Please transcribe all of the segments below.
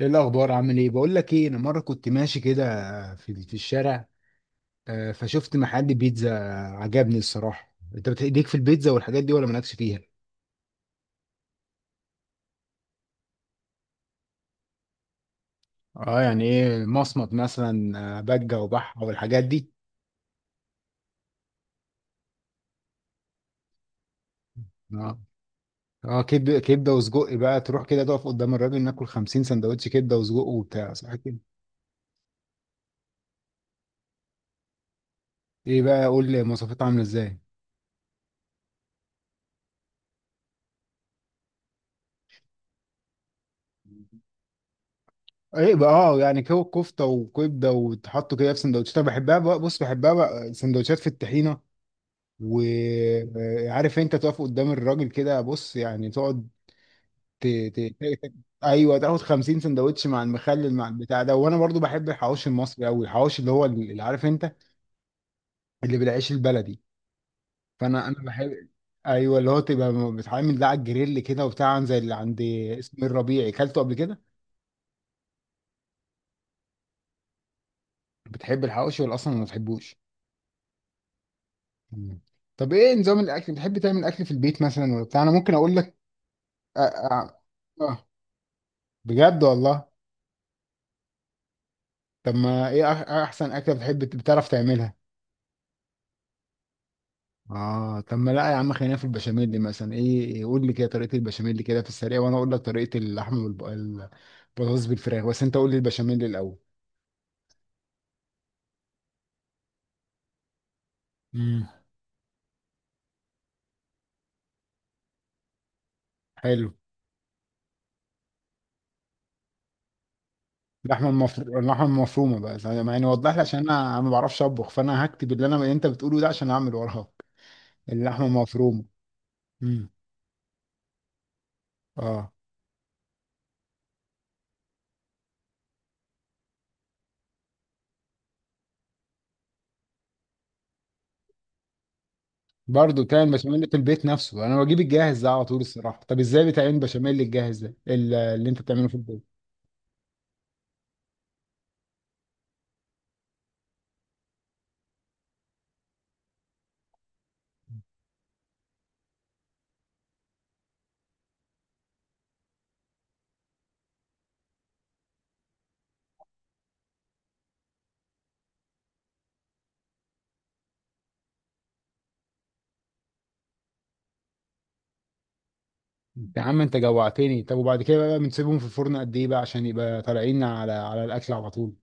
ايه الاخبار؟ عامل ايه؟ بقول لك ايه، انا مره كنت ماشي كده في الشارع. فشفت محل بيتزا عجبني الصراحه. انت بتديك في البيتزا والحاجات دي ولا مالكش فيها؟ اه يعني ايه، مصمت مثلا بجه وبحه والحاجات دي؟ اه. اه، كبده وسجق، بقى تروح كده تقف قدام الراجل ناكل 50 سندوتش كبده وسجق وبتاع، صح كده؟ ايه بقى، قول لي مواصفاتها عامله ازاي؟ ايه بقى، اه يعني كفته وكبده وتحطوا كده في سندوتشات، انا بحبها بقى، بص بحبها بقى سندوتشات في الطحينه. وعارف انت تقف قدام الراجل كده، بص يعني تقعد ت... ت... ت... ايوه، تاخد 50 سندوتش مع المخلل مع البتاع ده. وانا برضو بحب الحواوشي المصري قوي، الحواوشي اللي هو اللي عارف انت، اللي بالعيش البلدي. فانا بحب، ايوه، اللي هو تبقى بتعمل ده على الجريل كده وبتاع، زي اللي عند اسم الربيعي، اكلته قبل كده. بتحب الحواوشي ولا اصلا ما بتحبوش؟ مم. طب ايه نظام الاكل، بتحب تعمل اكل في البيت مثلا ولا بتاع؟ انا ممكن اقول لك. أ... أ... اه، بجد والله؟ طب ما ايه احسن اكله بتحب بتعرف تعملها؟ اه طب ما لا يا عم، خلينا في البشاميل دي مثلا، ايه، قول لي كده طريقه البشاميل دي كده في السريع، وانا اقول لك طريقه اللحمه والبطاطس بالفراخ، بس انت قول لي البشاميل الاول. امم. حلو. اللحمه المفرومه بقى يعني وضح لي عشان انا ما بعرفش اطبخ، فانا هكتب اللي انا اللي انت بتقوله ده عشان اعمل وراك. اللحمه المفرومه. امم. اه. برضه بتعمل بشاميل في البيت نفسه؟ انا بجيب الجاهز ده على طول الصراحه. طب ازاي بتعمل بشاميل الجاهز ده اللي انت بتعمله في البيت؟ يا عم انت جوعتني. طب وبعد كده بقى بنسيبهم في الفرن قد ايه بقى عشان يبقى طالعين على على الاكل على طول؟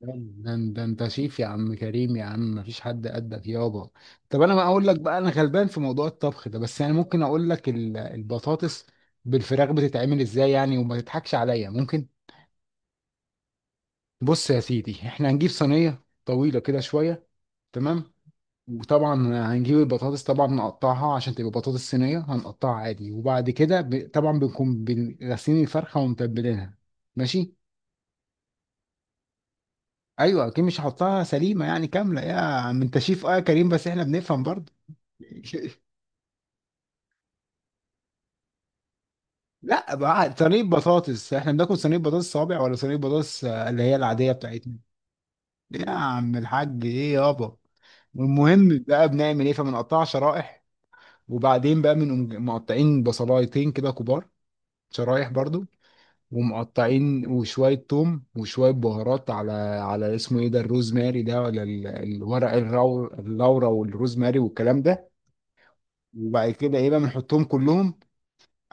ده ده انت شيف يا عم كريم، يا عم مفيش حد قدك يابا. طب انا بقى اقول لك بقى، انا غلبان في موضوع الطبخ ده، بس انا ممكن اقول لك البطاطس بالفراخ بتتعمل ازاي، يعني وما تضحكش عليا، ممكن. بص يا سيدي، احنا هنجيب صينيه طويله كده شويه، تمام، وطبعا هنجيب البطاطس، طبعا نقطعها عشان تبقى بطاطس صينية، هنقطعها عادي. وبعد كده طبعا بنكون غاسلين الفرخة ومتبلينها، ماشي. ايوه اكيد مش هحطها سليمة يعني كاملة، يا عم انت شيف اه يا كريم بس احنا بنفهم برضه. لا بقى، صينية بطاطس احنا بناكل صينية بطاطس صابع ولا صينية بطاطس اللي هي العادية بتاعتنا؟ يا عم الحاج ايه يابا. المهم بقى بنعمل ايه، فبنقطعها شرائح، وبعدين بقى بنقوم مقطعين بصلايتين كده كبار، شرايح برضو، ومقطعين وشوية توم وشوية بهارات على، على اسمه ايه ده، الروزماري ده، ولا اللورا والروزماري والكلام ده. وبعد كده ايه بقى، بنحطهم كلهم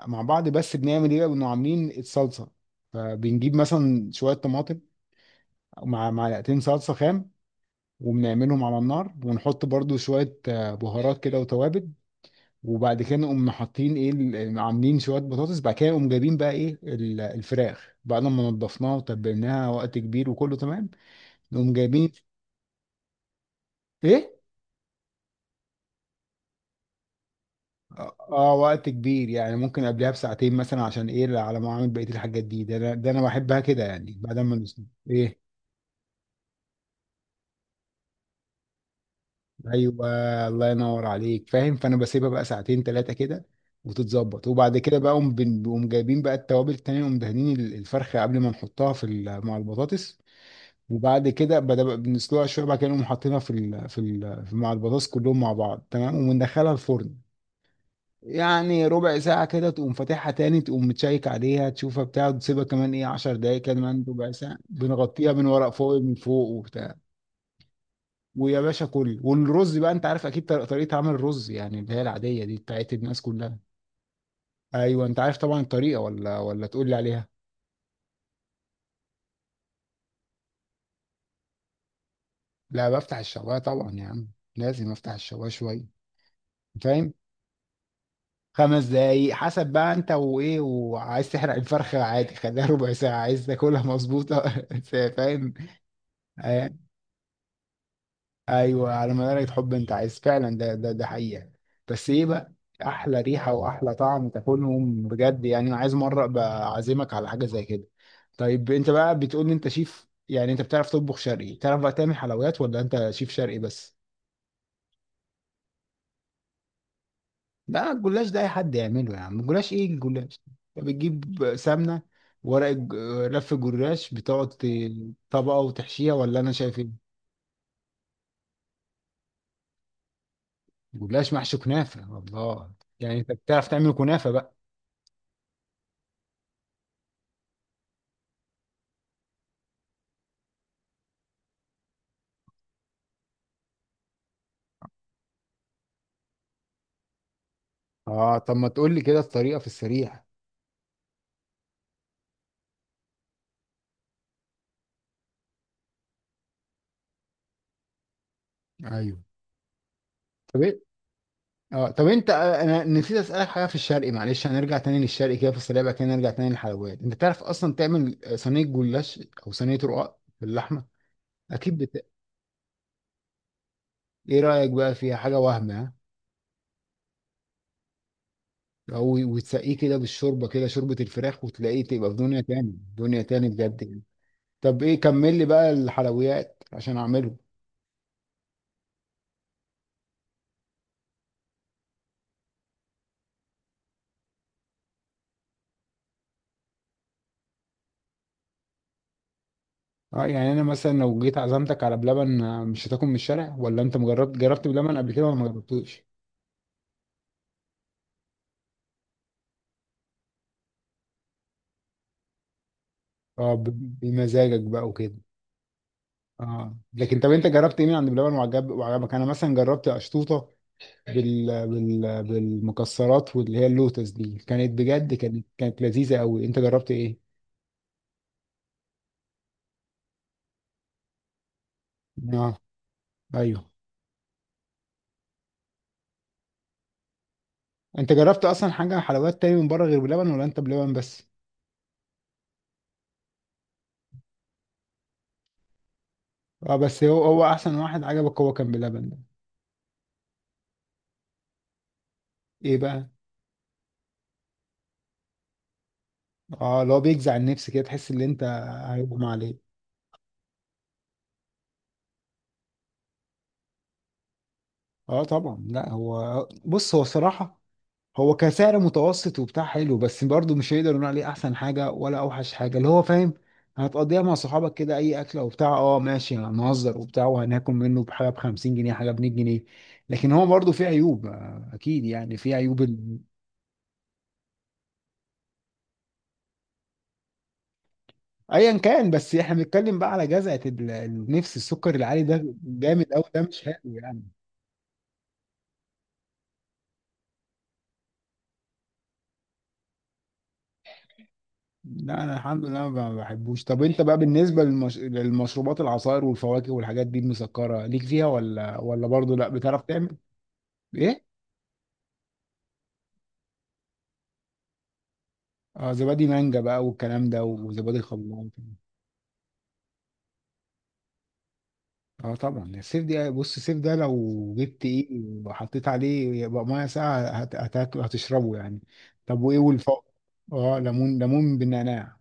مع بعض. بس بنعمل ايه بقى، بنبقى عاملين الصلصة، فبنجيب مثلا شوية طماطم مع معلقتين صلصة خام، وبنعملهم على النار، ونحط برضو شوية بهارات كده وتوابل. وبعد كده نقوم حاطين ايه يعني عاملين شويه بطاطس. بعد كده نقوم جايبين بقى ايه الفراخ بعد ما نضفناها وتبلناها وقت كبير وكله تمام، نقوم جايبين. ايه؟ اه، وقت كبير، يعني ممكن قبلها بساعتين مثلا، عشان ايه، على ما اعمل بقيه الحاجات دي. ده انا بحبها كده، يعني بعد ما ايه، ايوه، الله ينور عليك، فاهم. فانا بسيبها بقى ساعتين ثلاثه كده، وتتظبط. وبعد كده بقى نقوم نقوم جايبين بقى التوابل التانية، نقوم دهنين الفرخه قبل ما نحطها في مع البطاطس. وبعد كده بدأ بنسلقها شويه. بعد كده نقوم حاطينها مع البطاطس كلهم مع بعض، تمام، وندخلها الفرن. يعني ربع ساعه كده تقوم فاتحها تاني، تقوم متشيك عليها، تشوفها بتاع تسيبها كمان ايه 10 دقايق، كمان ربع ساعه. بنغطيها من ورق فويل من فوق وبتاع. ويا باشا كل. والرز بقى انت عارف اكيد طريقه طريقة عمل الرز، يعني اللي هي العاديه دي بتاعت الناس كلها، ايوه انت عارف طبعا الطريقه ولا ولا تقول لي عليها؟ لا بفتح الشوايه طبعا يا عم، لازم افتح الشوايه شويه، فاهم، خمس دقايق حسب بقى انت وايه، وعايز تحرق الفرخة، عادي خليها ربع ساعة، عايز تاكلها مظبوطة فاهم. آه، ايوه، على ما درجة حب انت عايز فعلا. ده حقيقة. بس ايه بقى، احلى ريحة واحلى طعم، تاكلهم بجد يعني. انا عايز مرة ابقى اعزمك على حاجة زي كده. طيب انت بقى بتقول لي انت شيف، يعني انت بتعرف تطبخ شرقي، بتعرف بقى تعمل حلويات ولا انت شيف شرقي بس؟ لا الجلاش ده اي حد يعمله يا عم، الجلاش ايه الجلاش، انت بتجيب سمنه ورق رف جلاش، بتقعد طبقه وتحشيها، ولا انا شايف ايه؟ جلاش محشي كنافه، الله، يعني انت بتعرف تعمل كنافه بقى؟ اه طب ما تقول لي كده الطريقه في السريع. ايوه. طب ايه، اه طب انت انا نسيت اسالك حاجه في الشرقي، معلش هنرجع تاني للشرقي كده في السريع، بعد كده نرجع تاني للحلويات. انت تعرف اصلا تعمل صينيه جلاش او صينيه رقاق باللحمه؟ اكيد ايه رايك بقى فيها، حاجه وهم ها، او وتسقيه كده بالشوربه كده، شوربه الفراخ، وتلاقيه تبقى في دنيا تاني، دنيا تاني بجد يعني. طب ايه، كمل لي بقى الحلويات عشان اعمله. اه يعني انا مثلا لو جيت عزمتك على بلبن مش هتاكل من الشارع، ولا انت جربت بلبن قبل كده، ولا ما جربتوش؟ اه بمزاجك بقى وكده. اه، لكن طب انت جربت ايه من عند بلبن وعجب وعجبك؟ انا مثلا جربت اشطوطه بالمكسرات، واللي هي اللوتس دي كانت بجد، كانت كانت لذيذه قوي. انت جربت ايه؟ اه، ايوه. انت جربت اصلا حاجه حلويات تاني من بره غير بلبن، ولا انت بلبن بس؟ اه بس هو احسن واحد عجبك هو كان بلبن ده؟ ايه بقى؟ اه، اللي هو بيجزع النفس كده، تحس ان انت هيغمى عليه. اه طبعا، لا هو بص، هو صراحه هو كسعر متوسط وبتاع حلو، بس برضه مش هيقدر نقول عليه احسن حاجه ولا اوحش حاجه، اللي هو فاهم، هتقضيها مع صحابك كده اي اكله وبتاع، اه ماشي هنهزر وبتاع وهناكل منه بحاجه ب 50 جنيه، حاجه ب 100 جنيه. لكن هو برضه فيه عيوب اكيد، يعني فيه عيوب. ايا كان، بس احنا بنتكلم بقى على جزعه النفس، السكر العالي ده جامد قوي، ده مش حلو يعني. لا انا الحمد لله ما بحبوش. طب انت بقى بالنسبه للمشروبات، العصائر والفواكه والحاجات دي المسكره ليك فيها، ولا ولا برضه لا بتعرف تعمل؟ ايه؟ اه زبادي مانجا بقى والكلام ده، وزبادي خلاط؟ اه طبعا السيف دي، بص السيف ده لو جبت ايه وحطيت عليه يبقى ميه ساقعه هتشربه يعني. طب وايه والفوق؟ اه ليمون، ليمون بالنعناع؟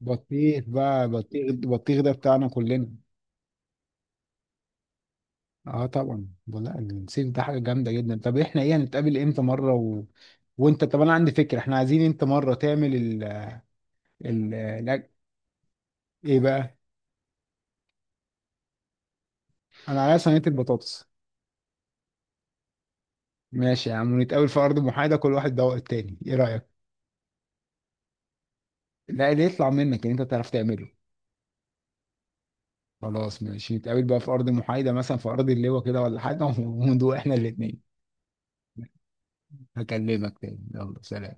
بطيخ بقى، بطيخ ده بتاعنا كلنا. اه طبعا، لا الصيف ده حاجه جامده جدا. طب احنا ايه، هنتقابل امتى مره وانت، طب انا عندي فكره، احنا عايزين انت مره تعمل ال... الأك- ايه بقى، انا عليا صينيه البطاطس. ماشي يا عم، ونتقابل في ارض محايده، كل واحد دوق التاني، ايه رايك؟ لا اللي يطلع منك ان انت تعرف تعمله. خلاص ماشي، نتقابل بقى في ارض محايده، مثلا في ارض اللواء كده ولا حاجه وندوق احنا الاثنين. هكلمك تاني، يلا سلام.